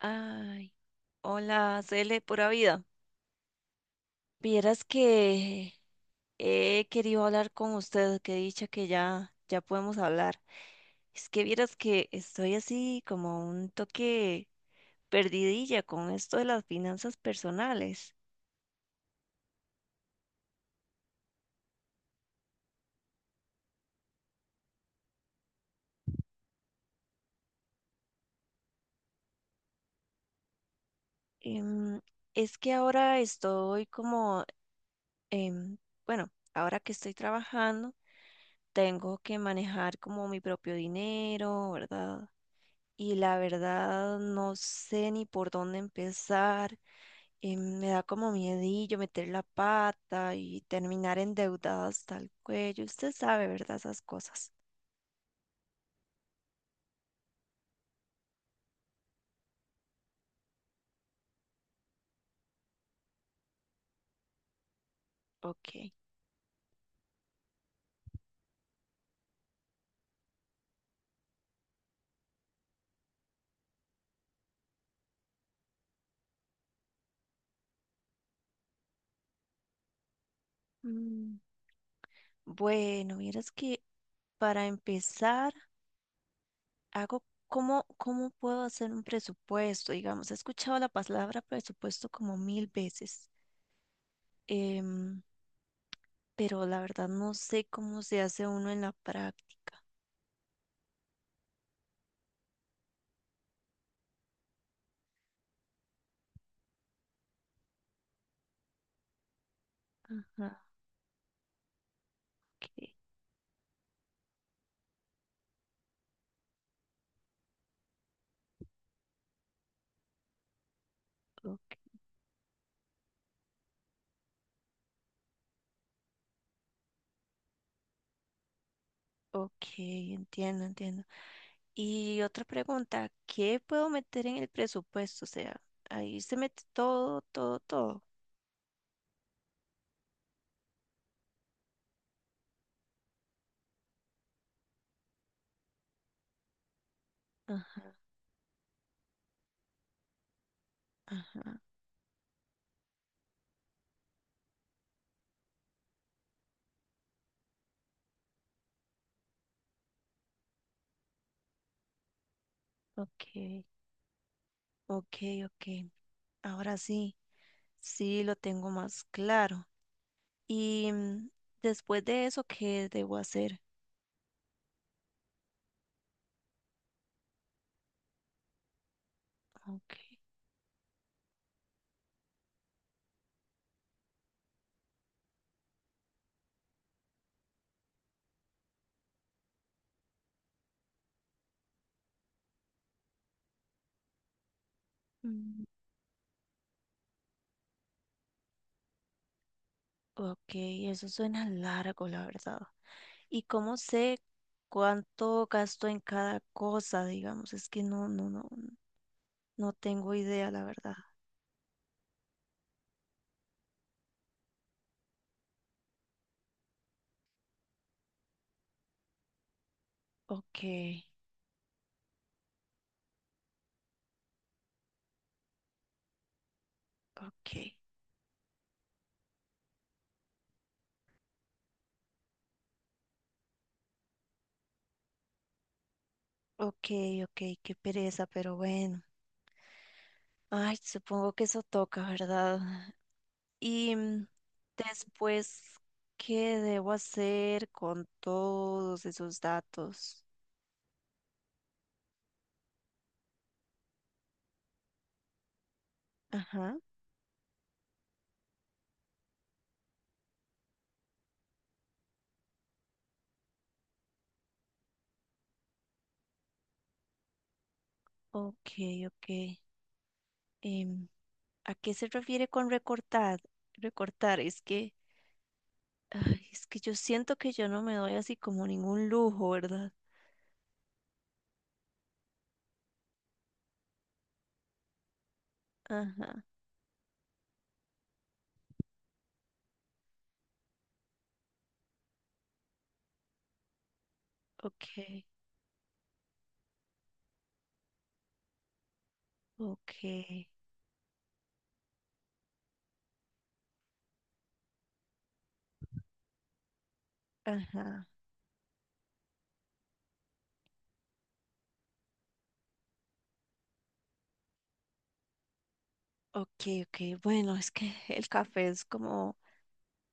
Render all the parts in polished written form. Ay, hola, Cele, pura vida. Vieras que he querido hablar con usted, que dicha que ya podemos hablar. Es que vieras que estoy así como un toque perdidilla con esto de las finanzas personales. Em, es que ahora estoy como, em, bueno, ahora que estoy trabajando, tengo que manejar como mi propio dinero, ¿verdad? Y la verdad no sé ni por dónde empezar. Me da como miedillo meter la pata y terminar endeudada hasta el cuello. Usted sabe, ¿verdad? Esas cosas. Ok. Mm, Bueno, vieras que para empezar, hago cómo puedo hacer un presupuesto, digamos. He escuchado la palabra presupuesto como mil veces, em, pero la verdad no sé cómo se hace uno en la práctica. Ajá. Ok, ok, ok, entiendo. Y otra pregunta, ¿qué puedo meter en el presupuesto? O sea, ahí se mete todo, todo, todo. Ah, ok, ok, ok. Ahora sí, sí lo tengo más claro. Y después de eso, ¿qué debo hacer? Ok, mm, ok, eso suena largo, la verdad. ¿Y cómo sé cuánto gasto en cada cosa, digamos? Es que no tengo idea, la verdad. Ok, ok. Ok, ok, qué pereza, pero bueno. Ay, supongo que eso toca, ¿verdad? Y después, ¿qué debo hacer con todos esos datos? Ajá, ok, ok. Em, ¿A qué se refiere con recortar? Recortar, es que, ay, es que yo siento que yo no me doy así como ningún lujo, ¿verdad? Ajá, ok, ok, ajá. Ok, ok, bueno, es que el café es como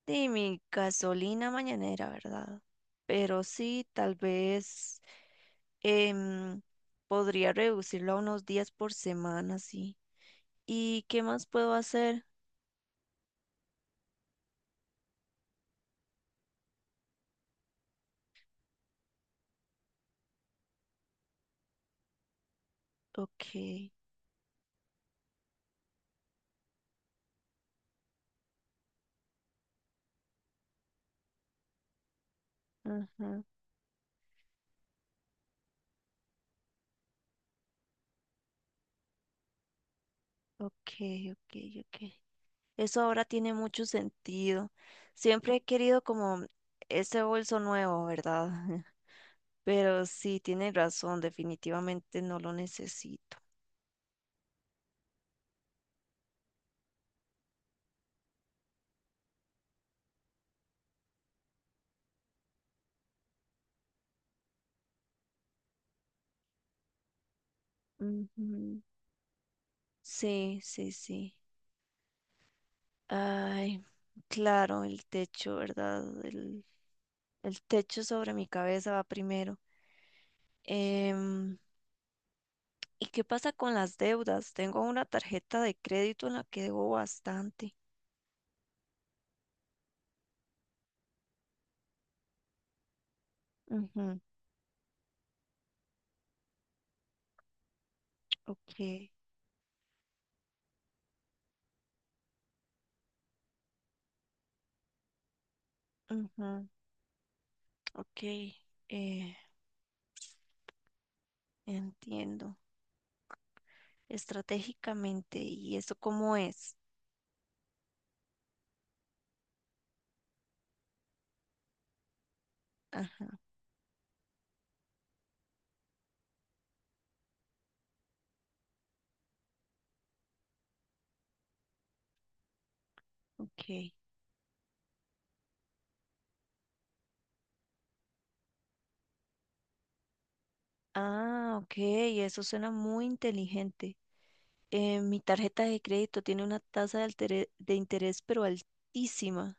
sí, mi gasolina mañanera, ¿verdad? Pero sí, tal vez em, podría reducirlo a unos días por semana, sí. ¿Y qué más puedo hacer? Ok, ajá, ok, ok, ok. Eso ahora tiene mucho sentido. Siempre he querido como ese bolso nuevo, ¿verdad? Pero sí, tiene razón, definitivamente no lo necesito. Ujú. Sí, sí, sí. Ay, claro, el techo, ¿verdad? El techo sobre mi cabeza va primero. Em, ¿Y qué pasa con las deudas? Tengo una tarjeta de crédito en la que debo bastante. Ujú, ok, ujú, ok, eh, entiendo. Estratégicamente. ¿Y eso cómo es? Ah, ok. Ah, ok, eso suena muy inteligente. Mi tarjeta de crédito tiene una tasa de interés, pero altísima.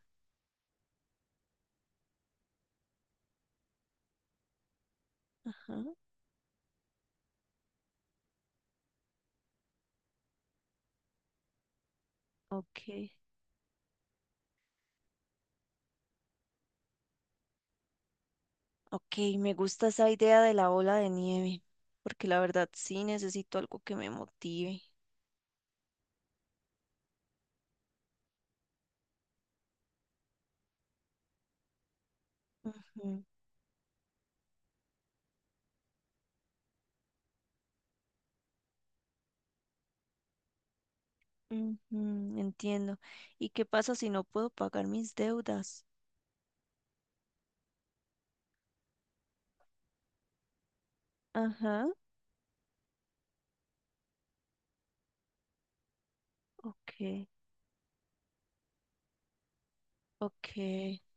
Ajá, ok. Ok, me gusta esa idea de la bola de nieve, porque la verdad sí necesito algo que me motive. Ujú, ujú, entiendo. ¿Y qué pasa si no puedo pagar mis deudas? Ajá, ok, ok.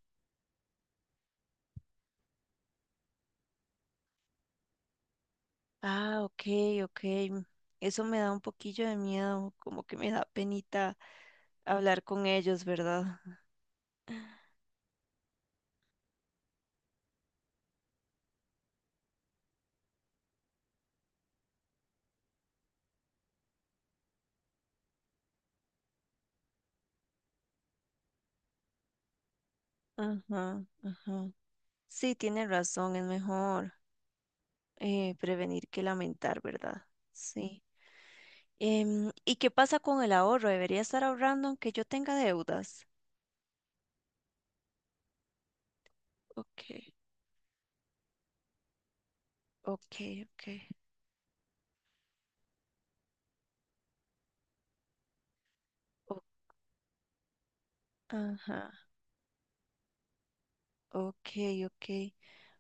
Ah, ok, ok. Eso me da un poquillo de miedo, como que me da penita hablar con ellos, ¿verdad? Ajá, ajá. Sí, tiene razón, es mejor prevenir que lamentar, ¿verdad? Sí. ¿Y qué pasa con el ahorro? ¿Debería estar ahorrando aunque yo tenga deudas? Ok, ok, ok. O- ajá, ok, ok.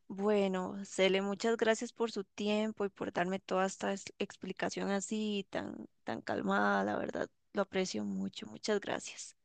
Bueno, Cele, muchas gracias por su tiempo y por darme toda esta explicación así tan calmada, la verdad, lo aprecio mucho. Muchas gracias.